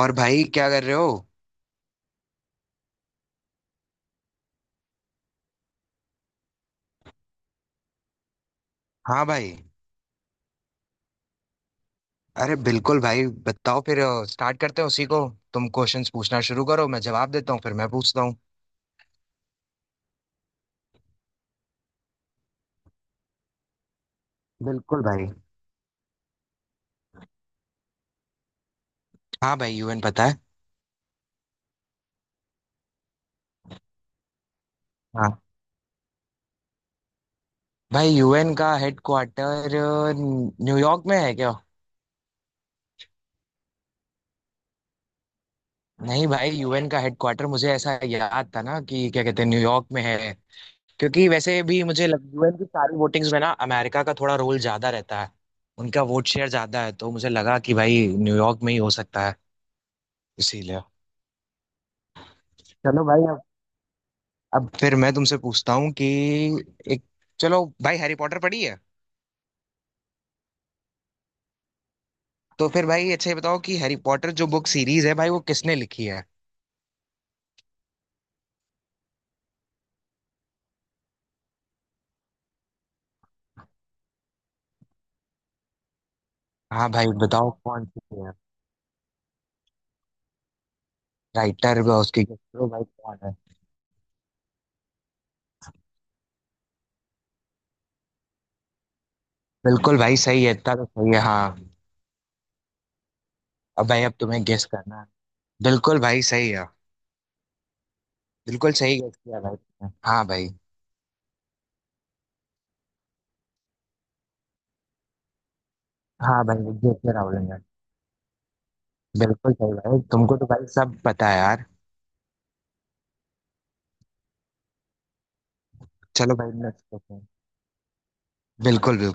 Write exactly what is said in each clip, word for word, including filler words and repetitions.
और भाई क्या कर रहे हो। हाँ भाई। अरे बिल्कुल भाई बताओ फिर। स्टार्ट करते हैं उसी को। तुम क्वेश्चंस पूछना शुरू करो मैं जवाब देता हूँ फिर मैं पूछता हूँ। बिल्कुल भाई। हाँ भाई यूएन पता है। हाँ भाई यूएन का हेडक्वार्टर न्यूयॉर्क में है क्या? नहीं भाई यूएन का हेडक्वार्टर मुझे ऐसा याद था ना कि क्या कहते हैं न्यूयॉर्क में है। क्योंकि वैसे भी मुझे लग, यूएन की सारी वोटिंग्स में ना अमेरिका का थोड़ा रोल ज्यादा रहता है। उनका वोट शेयर ज्यादा है तो मुझे लगा कि भाई न्यूयॉर्क में ही हो सकता है, इसीलिए। चलो भाई। अब फिर मैं तुमसे पूछता हूँ कि एक, चलो भाई हैरी पॉटर पढ़ी है। तो फिर भाई अच्छा ये बताओ कि हैरी पॉटर जो बुक सीरीज है भाई वो किसने लिखी है। हाँ भाई बताओ कौन सी है। राइटर उसकी guess करो भाई कौन है। बिल्कुल भाई सही है, इतना तो सही है हाँ। अब भाई अब तुम्हें गेस करना है। बिल्कुल भाई सही है। बिल्कुल सही गेस किया भाई तुमने, हाँ भाई। हाँ भाई जेके रावलिंग है। बिल्कुल सही भाई, तुमको तो भाई सब पता है यार। चलो भाई नेक्स्ट क्वेश्चन। बिल्कुल बिल्कुल।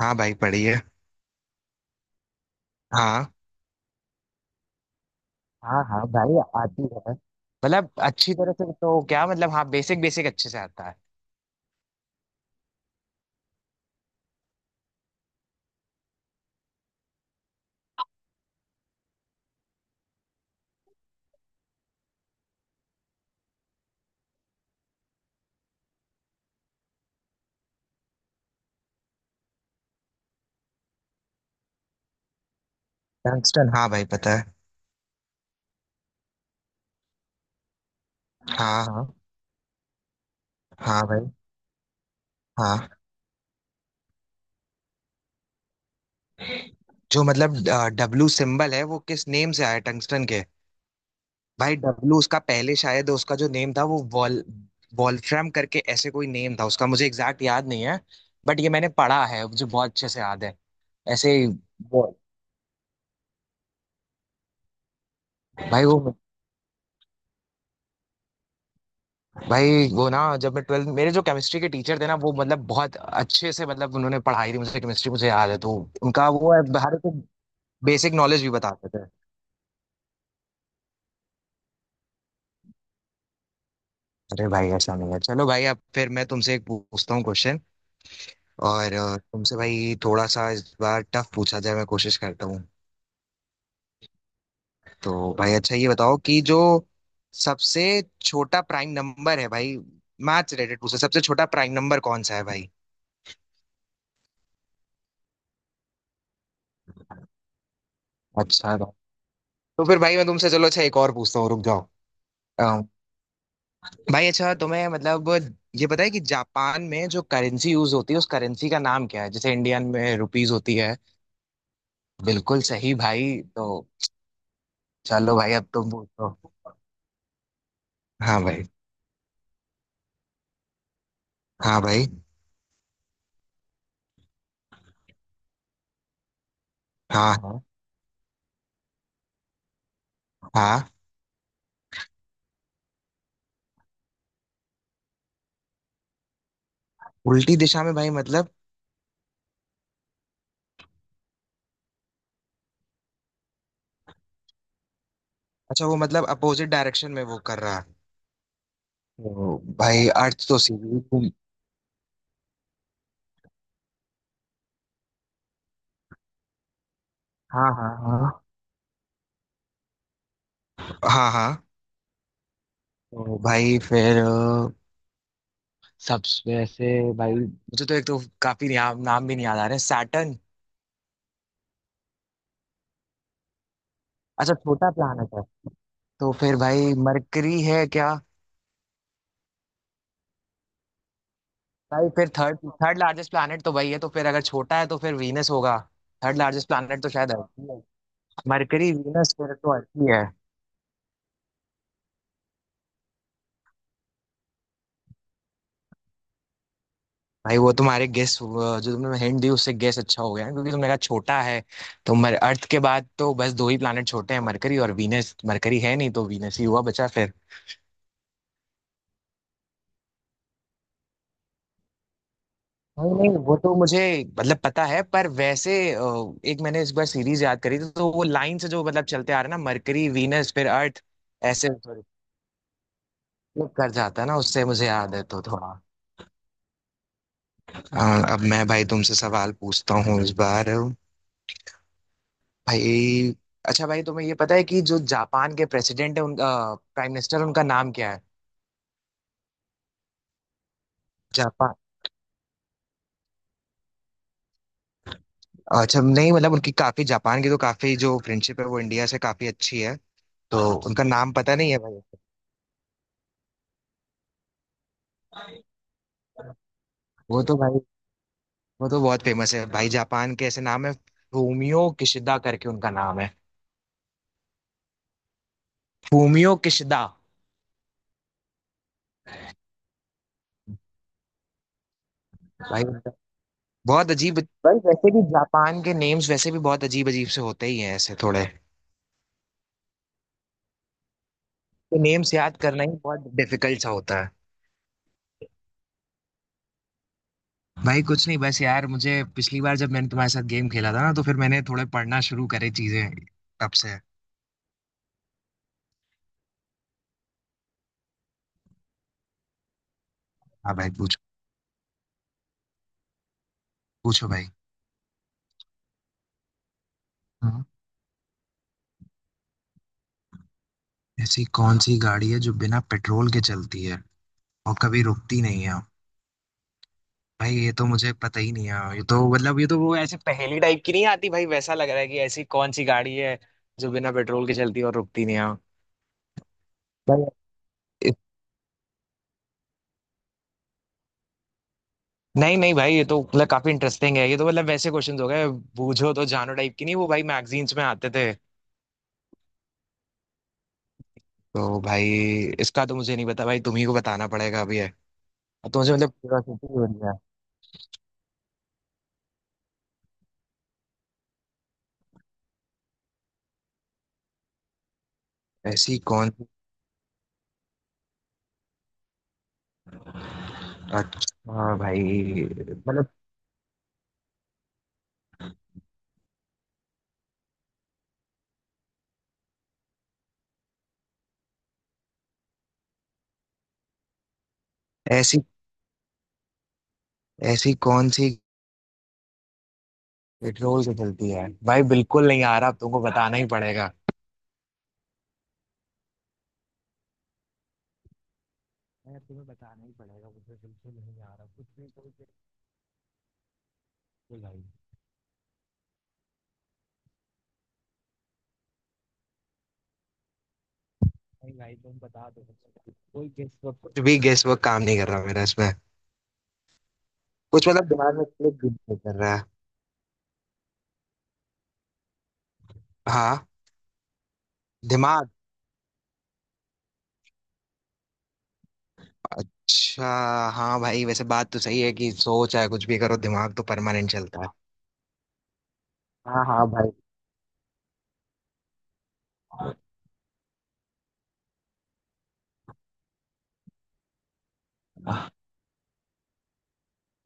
हाँ भाई पढ़िए। हाँ। हाँ हाँ भाई आती है। मतलब अच्छी तरह से तो क्या मतलब, हाँ बेसिक बेसिक अच्छे से आता है। टंगस्टन हाँ भाई पता है। हाँ हाँ। हाँ भाई। हाँ जो मतलब डब्लू सिंबल है वो किस नेम से आया टंगस्टन के। भाई डब्लू उसका, पहले शायद उसका जो नेम था वो वॉल वॉल्फ्राम करके ऐसे कोई नेम था उसका, मुझे एग्जैक्ट याद नहीं है। बट ये मैंने पढ़ा है, मुझे बहुत अच्छे से याद है। ऐसे ही वो, भाई वो भाई वो ना जब मैं ट्वेल्थ, मेरे जो केमिस्ट्री के टीचर थे ना वो मतलब बहुत अच्छे से, मतलब उन्होंने पढ़ाई थी मुझसे केमिस्ट्री, मुझे याद है तो। उनका वो है, हर एक बेसिक नॉलेज भी बताते थे। अरे भाई ऐसा नहीं है, चलो भाई अब फिर मैं तुमसे एक पूछता हूँ क्वेश्चन। और अ, तुमसे भाई थोड़ा सा इस बार टफ पूछा जाए, मैं कोशिश करता हूँ। तो भाई अच्छा ये बताओ कि जो सबसे छोटा प्राइम नंबर है भाई, मैथ्स रिलेटेड पूछा, सबसे छोटा प्राइम नंबर कौन सा है भाई। अच्छा तो तो फिर भाई मैं तुमसे चलो अच्छा एक और पूछता हूँ, रुक जाओ। भाई अच्छा तुम्हें मतलब ये पता है कि जापान में जो करेंसी यूज होती है उस करेंसी का नाम क्या है, जैसे इंडियन में रुपीस होती है। बिल्कुल सही भाई तो, चलो भाई अब तुम पूछो। हाँ भाई। हाँ भाई। हाँ हाँ। हाँ उल्टी दिशा में भाई मतलब? अच्छा वो मतलब अपोजिट डायरेक्शन में वो कर रहा है। तो भाई अर्थ तो सीधी घूम। हाँ हाँ हाँ। हाँ हाँ। तो भाई फिर अ, सबसे ऐसे, भाई मुझे तो एक तो काफी नाम नाम भी नहीं याद आ रहे, सैटर्न? अच्छा छोटा प्लानट है। तो फिर भाई मरकरी है क्या? भाई फिर थर्ड थर्ड लार्जेस्ट प्लैनेट तो वही है, तो फिर अगर छोटा है तो फिर वीनस होगा। थर्ड लार्जेस्ट प्लैनेट तो शायद अर्थ ही है। मरकरी वीनस फिर तो अर्थ ही है। भाई वो तुम्हारे गेस, जो तुमने हिंट दी उससे गेस अच्छा हो गया है, क्योंकि तुमने कहा छोटा है। तो मर, अर्थ के बाद तो बस दो ही प्लैनेट छोटे हैं, मरकरी और वीनस, मरकरी है नहीं तो वीनस ही हुआ बचा फिर। नहीं नहीं वो तो मुझे मतलब पता है, पर वैसे अ, एक मैंने इस बार सीरीज याद करी थी तो वो लाइन से जो मतलब चलते आ रहे हैं ना, मरकरी वीनस फिर अर्थ, ऐसे वो कर जाता है ना, उससे मुझे याद है तो थोड़ा। हाँ, अब मैं भाई तुमसे सवाल पूछता हूँ इस बार। भाई अच्छा भाई तुम्हें ये पता है कि जो जापान के प्रेसिडेंट है उनका, प्राइम मिनिस्टर उनका नाम क्या है। जापान, अच्छा नहीं मतलब उनकी काफी, जापान की तो काफी जो फ्रेंडशिप है वो इंडिया से काफी अच्छी है, तो उनका नाम पता नहीं है भाई। वो तो भाई, वो तो बहुत फेमस है भाई, जापान के ऐसे नाम है, फूमियो किशिदा करके उनका नाम है। Fumio Kishida. भाई बहुत अजीब, भाई वैसे भी जापान के नेम्स वैसे भी बहुत अजीब अजीब से होते ही हैं ऐसे, थोड़े तो नेम्स याद करना ही बहुत डिफिकल्ट सा होता है। भाई कुछ नहीं बस यार, मुझे पिछली बार जब मैंने तुम्हारे साथ गेम खेला था ना तो फिर मैंने थोड़े पढ़ना शुरू करे चीजें, तब से हाँ। भाई पूछो। पूछो भाई। हाँ। ऐसी कौन सी गाड़ी है जो बिना पेट्रोल के चलती है और कभी रुकती नहीं है। भाई ये तो मुझे पता ही नहीं है, ये तो मतलब ये तो वो ऐसे पहेली टाइप की नहीं आती, भाई वैसा लग रहा है कि ऐसी कौन सी गाड़ी है जो बिना पेट्रोल के चलती है और रुकती नहीं है भाई। नहीं नहीं भाई ये तो मतलब काफी इंटरेस्टिंग है, ये तो मतलब वैसे क्वेश्चंस हो गए, बूझो तो जानो टाइप की, नहीं वो भाई मैगजीन्स में आते थे। तो भाई इसका तो मुझे नहीं पता भाई, तुम ही को बताना पड़ेगा अभी है। अब तो मुझे मतलब क्यूरियोसिटी हो रही है। ऐसी कौन सी, अच्छा भाई मतलब, ऐसी ऐसी कौन सी पेट्रोल से चलती है भाई, बिल्कुल नहीं आ रहा, अब तुमको बताना ही पड़ेगा। यार तुम्हें बताना ही पड़ेगा, मुझे बिल्कुल नहीं आ रहा कुछ, नहीं तो बिल्कुल भाई, नहीं भाई तुम बता दो। कोई गेस वर्क, कुछ भी गेस वर्क काम नहीं कर रहा मेरा इसमें, कुछ मतलब दिमाग में क्लिक भी नहीं कर रहा है। हाँ। दिमाग। अच्छा। हाँ भाई वैसे बात तो सही है कि सोच है, कुछ भी करो दिमाग तो परमानेंट चलता है। हाँ हाँ भाई।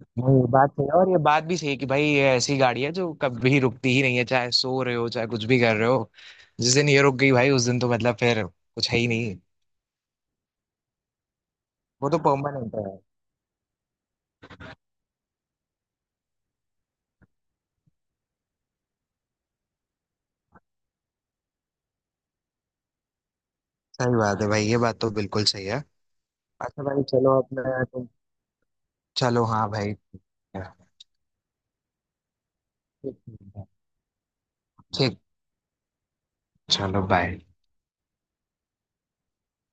नहीं ये बात सही है और ये बात भी सही है कि भाई ये ऐसी गाड़ी है जो कभी रुकती ही नहीं है, चाहे सो रहे हो चाहे कुछ भी कर रहे हो, जिस दिन ये रुक गई भाई उस दिन तो मतलब फिर कुछ है ही नहीं। वो तो परमानेंट है। सही बात है भाई, ये बात तो बिल्कुल सही है। अच्छा भाई चलो अपने तुम, चलो हाँ भाई, ठीक, चलो बाय।